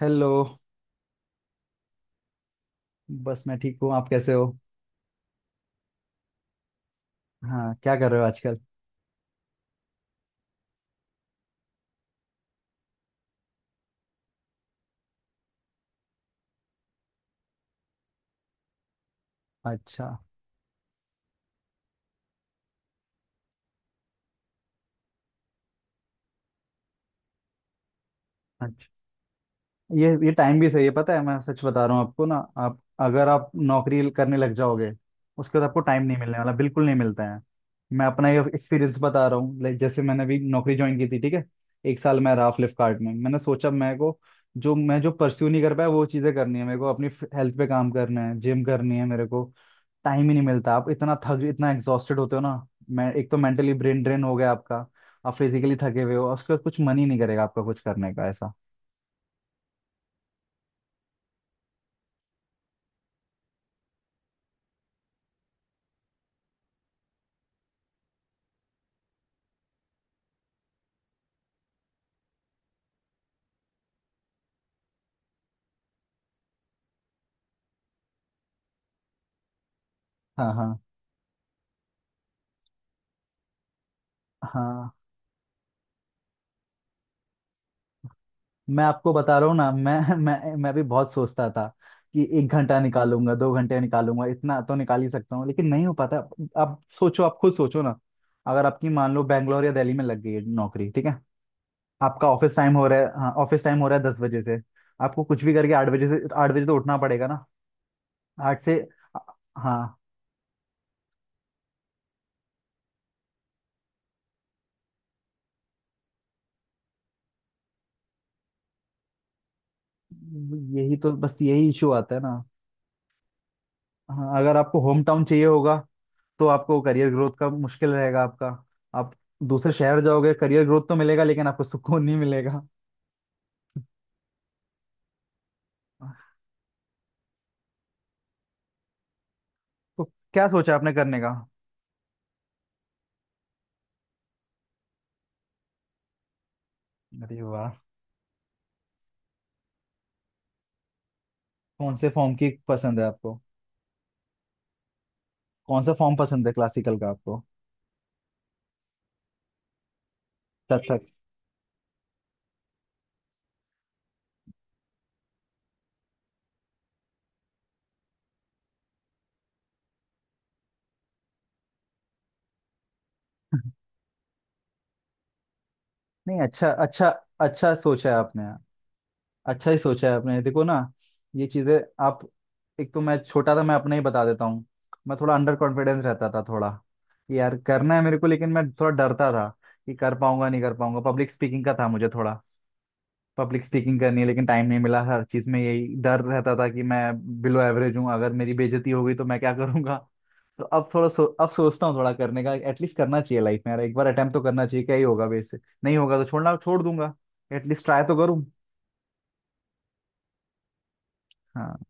Hello. बस मैं ठीक हूँ। आप कैसे हो? हाँ, क्या कर रहे हो आजकल? अच्छा। अच्छा। ये टाइम भी सही है, पता है। मैं सच बता रहा हूँ आपको ना। आप अगर आप नौकरी करने लग जाओगे, उसके बाद आपको टाइम नहीं मिलने वाला, बिल्कुल नहीं मिलता है। मैं अपना ये एक्सपीरियंस बता रहा हूँ। लाइक जैसे मैंने अभी नौकरी ज्वाइन की थी, ठीक है। एक साल मैं रहा फ्लिपकार्ट में। मैंने सोचा मेरे को जो परस्यू नहीं कर पाया वो चीज़ें करनी है मेरे को। अपनी हेल्थ पे काम करना है, जिम करनी है मेरे को। टाइम ही नहीं मिलता। आप इतना एग्जॉस्टेड होते हो ना। मैं एक तो मेंटली ब्रेन ड्रेन हो गया आपका। आप फिजिकली थके हुए हो, और उसके बाद कुछ मन ही नहीं करेगा आपका, कुछ करने का ऐसा। हाँ, हाँ। हाँ, मैं आपको बता रहा हूँ ना। मैं मैं भी बहुत सोचता था कि एक घंटा निकालूंगा, 2 घंटे निकालूंगा, इतना तो निकाल ही सकता हूँ, लेकिन नहीं हो पाता। आप सोचो, आप खुद सोचो ना। अगर आपकी मान लो बैंगलोर या दिल्ली में लग गई है नौकरी, ठीक है। आपका ऑफिस टाइम हो रहा है, हाँ, ऑफिस टाइम हो रहा है 10 बजे से। आपको कुछ भी करके 8 बजे तो उठना पड़ेगा ना। आठ से। हाँ। यही तो, बस यही इशू आता है ना। हाँ, अगर आपको होम टाउन चाहिए होगा, तो आपको करियर ग्रोथ का मुश्किल रहेगा आपका। आप दूसरे शहर जाओगे, करियर ग्रोथ तो मिलेगा, लेकिन आपको सुकून नहीं मिलेगा। तो क्या सोचा आपने करने का? अरे वाह! कौन से फॉर्म की पसंद है आपको? कौन सा फॉर्म पसंद है क्लासिकल का आपको? कथक। नहीं, अच्छा, अच्छा। अच्छा सोचा है आपने। अच्छा ही सोचा है आपने, देखो ना। ये चीजें, आप, एक तो मैं छोटा था, मैं अपना ही बता देता हूँ। मैं थोड़ा अंडर कॉन्फिडेंस रहता था, थोड़ा कि यार करना है मेरे को लेकिन मैं थोड़ा डरता था कि कर पाऊंगा नहीं कर पाऊंगा। पब्लिक स्पीकिंग का था मुझे थोड़ा, पब्लिक स्पीकिंग करनी है, लेकिन टाइम नहीं मिला। हर चीज में यही डर रहता था कि मैं बिलो एवरेज हूँ, अगर मेरी बेइज्जती हो गई तो मैं क्या करूंगा। तो अब थोड़ा अब सोचता हूँ थोड़ा करने का। एटलीस्ट करना चाहिए लाइफ में यार, एक बार अटेम्प्ट तो करना चाहिए, क्या ही होगा वैसे। नहीं होगा तो छोड़ना छोड़ दूंगा। एटलीस्ट ट्राई तो करूँ। हाँ,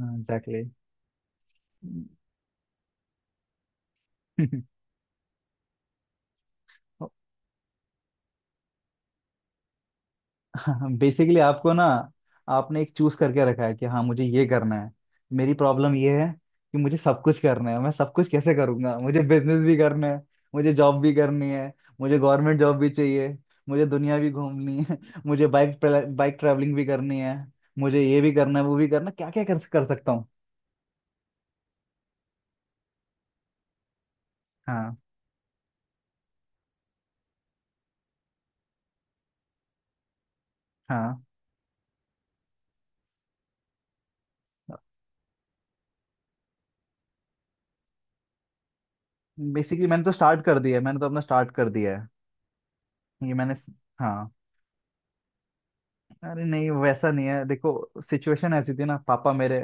हाँ, एग्जैक्टली। बेसिकली आपको ना, आपने एक चूज करके रखा है कि हाँ, मुझे ये करना है। मेरी प्रॉब्लम ये है कि मुझे सब कुछ करना है, मैं सब कुछ कैसे करूंगा? मुझे बिजनेस भी करना है, मुझे जॉब भी करनी है, मुझे गवर्नमेंट जॉब भी चाहिए, मुझे दुनिया भी घूमनी है। मुझे बाइक बाइक ट्रैवलिंग भी करनी है, मुझे ये भी करना है वो भी करना है। क्या क्या कर सकता हूँ। हाँ, हाँ। बेसिकली मैंने तो स्टार्ट कर दिया है, मैंने तो अपना स्टार्ट कर दिया है, ये मैंने। हाँ, अरे नहीं वैसा नहीं है। देखो, सिचुएशन ऐसी थी ना, पापा मेरे,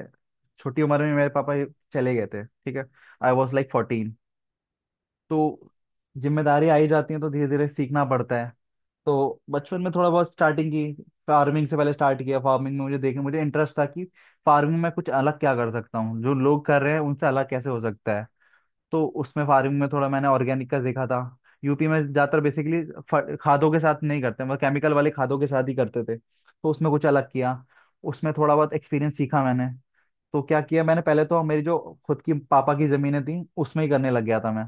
छोटी उम्र में मेरे पापा चले गए थे, ठीक है। I was like 14। तो जिम्मेदारी आई जाती है तो धीरे धीरे सीखना पड़ता है। तो बचपन में थोड़ा बहुत स्टार्टिंग की। फार्मिंग से पहले स्टार्ट किया। फार्मिंग में मुझे इंटरेस्ट था कि फार्मिंग में कुछ अलग क्या कर सकता हूँ, जो लोग कर रहे हैं उनसे अलग कैसे हो सकता है। तो उसमें फार्मिंग में थोड़ा मैंने ऑर्गेनिक का देखा था। यूपी में ज्यादातर बेसिकली खादों के साथ नहीं करते, मतलब केमिकल वाले खादों के साथ ही करते थे। तो उसमें कुछ अलग किया, उसमें थोड़ा बहुत एक्सपीरियंस सीखा मैंने। तो क्या किया मैंने? पहले तो मेरी जो खुद की पापा की जमीनें थी उसमें ही करने लग गया था मैं।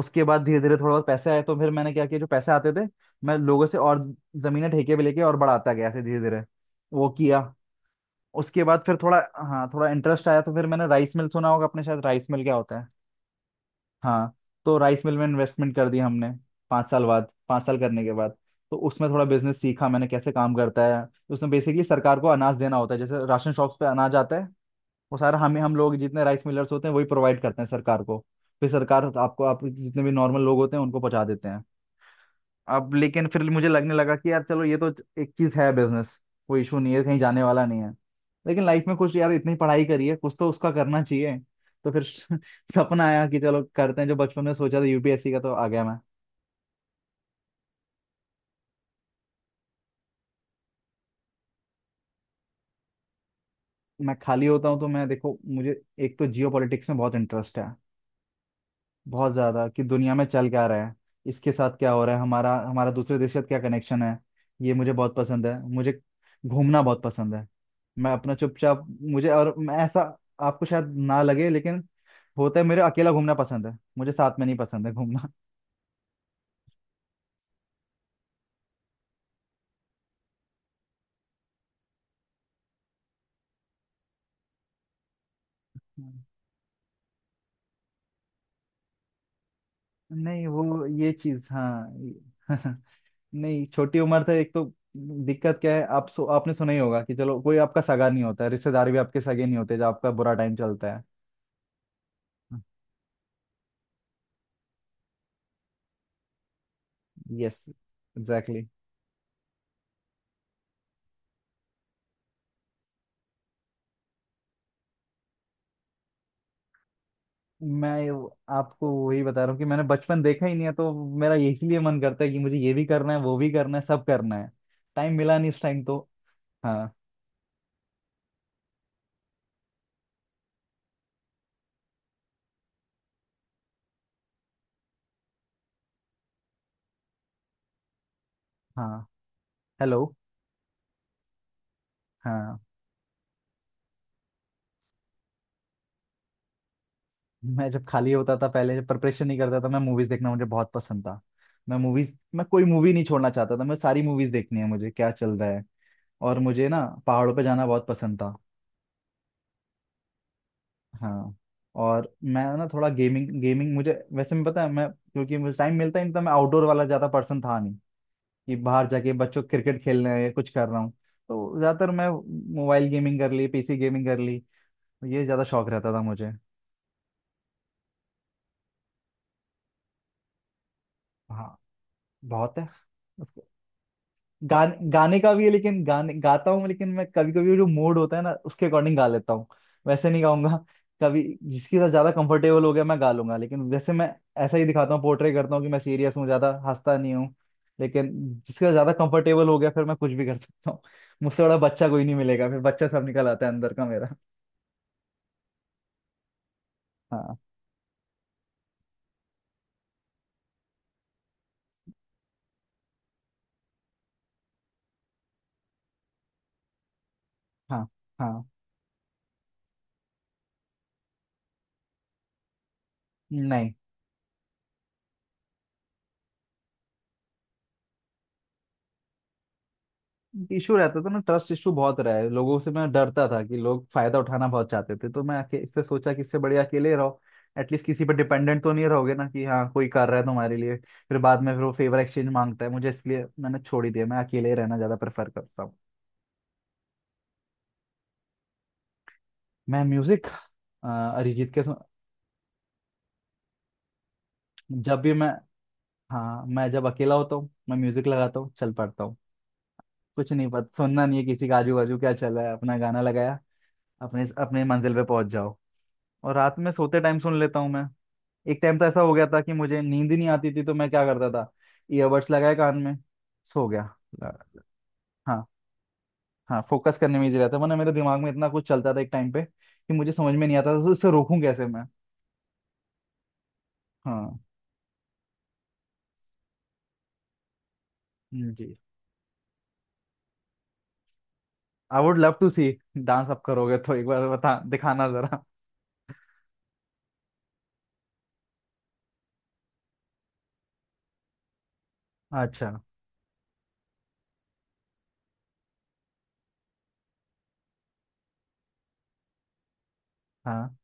उसके बाद धीरे धीरे थोड़ा बहुत पैसे आए, तो फिर मैंने क्या किया, जो पैसे आते थे, मैं लोगों से और जमीनें ठेके पे लेके और बढ़ाता गया, ऐसे धीरे धीरे वो किया। उसके बाद फिर थोड़ा, हाँ, थोड़ा इंटरेस्ट आया, तो फिर मैंने राइस मिल, सुना होगा अपने शायद राइस मिल क्या होता है। हाँ, तो राइस मिल में इन्वेस्टमेंट कर दिया हमने, 5 साल बाद, 5 साल करने के बाद। तो उसमें थोड़ा बिजनेस सीखा मैंने कैसे काम करता है। उसमें बेसिकली सरकार को अनाज देना होता है, जैसे राशन शॉप्स पे अनाज आता है, वो सारा हम लोग जितने राइस मिलर्स होते हैं वही प्रोवाइड करते हैं सरकार को। फिर सरकार आपको आप जितने भी नॉर्मल लोग होते हैं उनको पहुंचा देते हैं। अब लेकिन फिर मुझे लगने लगा कि यार चलो, ये तो एक चीज है बिजनेस, कोई इशू नहीं है, कहीं जाने वाला नहीं है। लेकिन लाइफ में कुछ यार, इतनी पढ़ाई करी है, कुछ तो उसका करना चाहिए। तो फिर सपना आया कि चलो करते हैं जो बचपन में सोचा था, यूपीएससी का, तो आ गया मैं। मैं खाली होता हूँ तो मैं, देखो, मुझे एक तो जियो पॉलिटिक्स में बहुत इंटरेस्ट है, बहुत ज्यादा, कि दुनिया में चल क्या रहा है, इसके साथ क्या हो रहा है, हमारा हमारा दूसरे देश के साथ क्या कनेक्शन है। ये मुझे बहुत पसंद है। मुझे घूमना बहुत पसंद है। मैं अपना चुपचाप, मुझे, और मैं ऐसा, आपको शायद ना लगे लेकिन होता है, मेरे, अकेला घूमना पसंद है मुझे, साथ में नहीं पसंद है घूमना। हम्म। नहीं वो ये चीज, हाँ ये- नहीं छोटी उम्र था, एक तो दिक्कत क्या है। आप आपने सुना ही होगा कि चलो, कोई आपका सगा नहीं होता है, रिश्तेदार भी आपके सगे नहीं होते जब आपका बुरा टाइम चलता है। Yes, exactly. मैं वो- आपको वही बता रहा हूँ कि मैंने बचपन देखा ही नहीं है, तो मेरा इसीलिए मन करता है कि मुझे ये भी करना है वो भी करना है सब करना है, टाइम मिला नहीं इस टाइम तो। हाँ, हाँ। हेलो। हाँ, मैं जब खाली होता था पहले, जब प्रिपरेशन नहीं करता था, मैं मूवीज देखना मुझे बहुत पसंद था। मैं कोई मूवी नहीं छोड़ना चाहता था, मैं सारी मूवीज देखनी है, मुझे क्या चल रहा है। और मुझे ना पहाड़ों पे जाना बहुत पसंद था। हाँ। और मैं ना थोड़ा गेमिंग, गेमिंग मुझे वैसे, मैं पता है मैं, क्योंकि मुझे टाइम मिलता ही नहीं था, मैं आउटडोर वाला ज्यादा पर्सन था नहीं कि बाहर जाके बच्चों क्रिकेट खेलना है या कुछ कर रहा हूँ। तो ज्यादातर मैं मोबाइल गेमिंग कर ली, पीसी गेमिंग कर ली, ये ज्यादा शौक रहता था मुझे। हाँ, बहुत है। उसके- गाने, गाने का भी है, लेकिन गाने गाता हूँ लेकिन मैं कभी कभी जो मूड होता है ना उसके अकॉर्डिंग गा लेता हूँ। वैसे नहीं गाऊंगा कभी। जिसके साथ ज्यादा कंफर्टेबल हो गया मैं गा लूंगा, लेकिन वैसे मैं ऐसा ही दिखाता हूँ, पोर्ट्रे करता हूँ कि मैं सीरियस हूँ, ज्यादा हंसता नहीं हूँ। लेकिन जिसके साथ ज्यादा कंफर्टेबल हो गया फिर मैं कुछ भी कर सकता हूँ। मुझसे बड़ा बच्चा कोई नहीं मिलेगा, फिर बच्चा सब निकल आता है अंदर का मेरा। हाँ, हाँ, हाँ। नहीं, इशू रहता था ना, ट्रस्ट इशू बहुत रहा है, लोगों से मैं डरता था कि लोग फायदा उठाना बहुत चाहते थे। तो मैं आके इससे सोचा कि इससे बढ़िया अकेले रहो, एटलीस्ट किसी पर डिपेंडेंट तो नहीं रहोगे ना, कि हाँ कोई कर रहा है तुम्हारे लिए फिर बाद में फिर वो फेवर एक्सचेंज मांगता है मुझे। इसलिए मैंने छोड़ ही दिया, मैं अकेले ही रहना ज्यादा प्रेफर करता हूँ। मैं म्यूजिक, अरिजीत के सुन- जब भी मैं, हाँ, मैं जब अकेला होता हूँ मैं म्यूजिक लगाता हूँ चल पड़ता हूँ। कुछ नहीं पता, सुनना नहीं है किसी का आजू बाजू क्या चल रहा है, अपना गाना लगाया, अपने अपने मंजिल पे पहुंच जाओ। और रात में सोते टाइम सुन लेता हूँ मैं। एक टाइम तो ऐसा हो गया था कि मुझे नींद ही नहीं आती थी, तो मैं क्या करता था, ईयरबड्स लगाए कान में, सो गया। ला- हाँ। हाँ, फोकस करने में इजी रहता है, वरना मेरे दिमाग में इतना कुछ चलता था एक टाइम पे कि मुझे समझ में नहीं आता था तो उससे रोकूं कैसे मैं। हाँ। जी। I would love to see. Dance आप करोगे तो एक बार बता, दिखाना जरा। अच्छा, हाँ।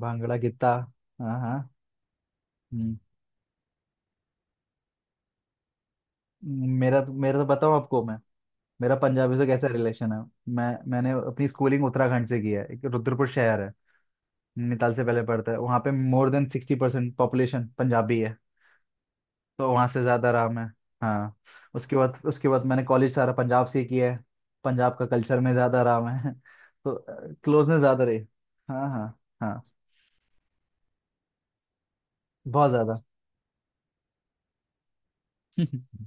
भांगड़ा गिद्दा। हाँ, हाँ। हम्म। मेरा मेरा तो बताऊं आपको, मैं, मेरा पंजाबी से कैसा रिलेशन है। मैंने अपनी स्कूलिंग उत्तराखंड से की है। एक रुद्रपुर शहर है, नैनीताल से पहले पड़ता है, वहाँ पे मोर देन 60% पॉपुलेशन पंजाबी है। तो वहाँ से ज़्यादा आराम है। हाँ, उसके बाद मैंने कॉलेज सारा पंजाब से ही किया है, पंजाब का कल्चर में ज़्यादा आराम है। तो क्लोजनेस ज़्यादा रही। हाँ, हाँ। हाँ, बहुत ज़्यादा।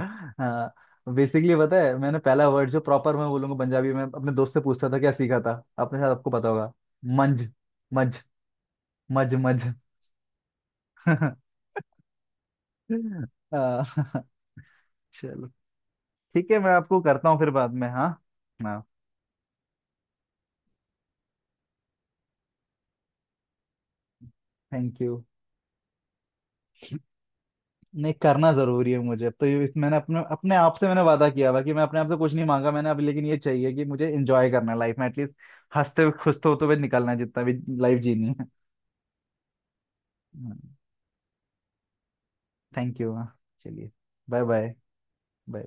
हाँ, बेसिकली पता है मैंने पहला वर्ड जो प्रॉपर मैं बोलूंगा पंजाबी में, अपने दोस्त से पूछता था, क्या सीखा था अपने साथ आपको पता होगा। मंज। मंज। मज, मज। आ, चलो, ठीक है, मैं आपको करता हूँ फिर बाद में, हाँ, हाँ। थैंक यू, नहीं करना जरूरी है मुझे। अब तो ये इस- मैंने अपने अपने आप से मैंने वादा किया हुआ कि मैं अपने आप से कुछ नहीं मांगा मैंने अभी, लेकिन ये चाहिए कि मुझे एंजॉय करना है लाइफ में एटलीस्ट, हंसते हुए खुश तो होते हुए निकलना है जितना भी लाइफ जीनी है। Thank you. हाँ, thank you, हाँ। चलिए। Bye, bye. बाय।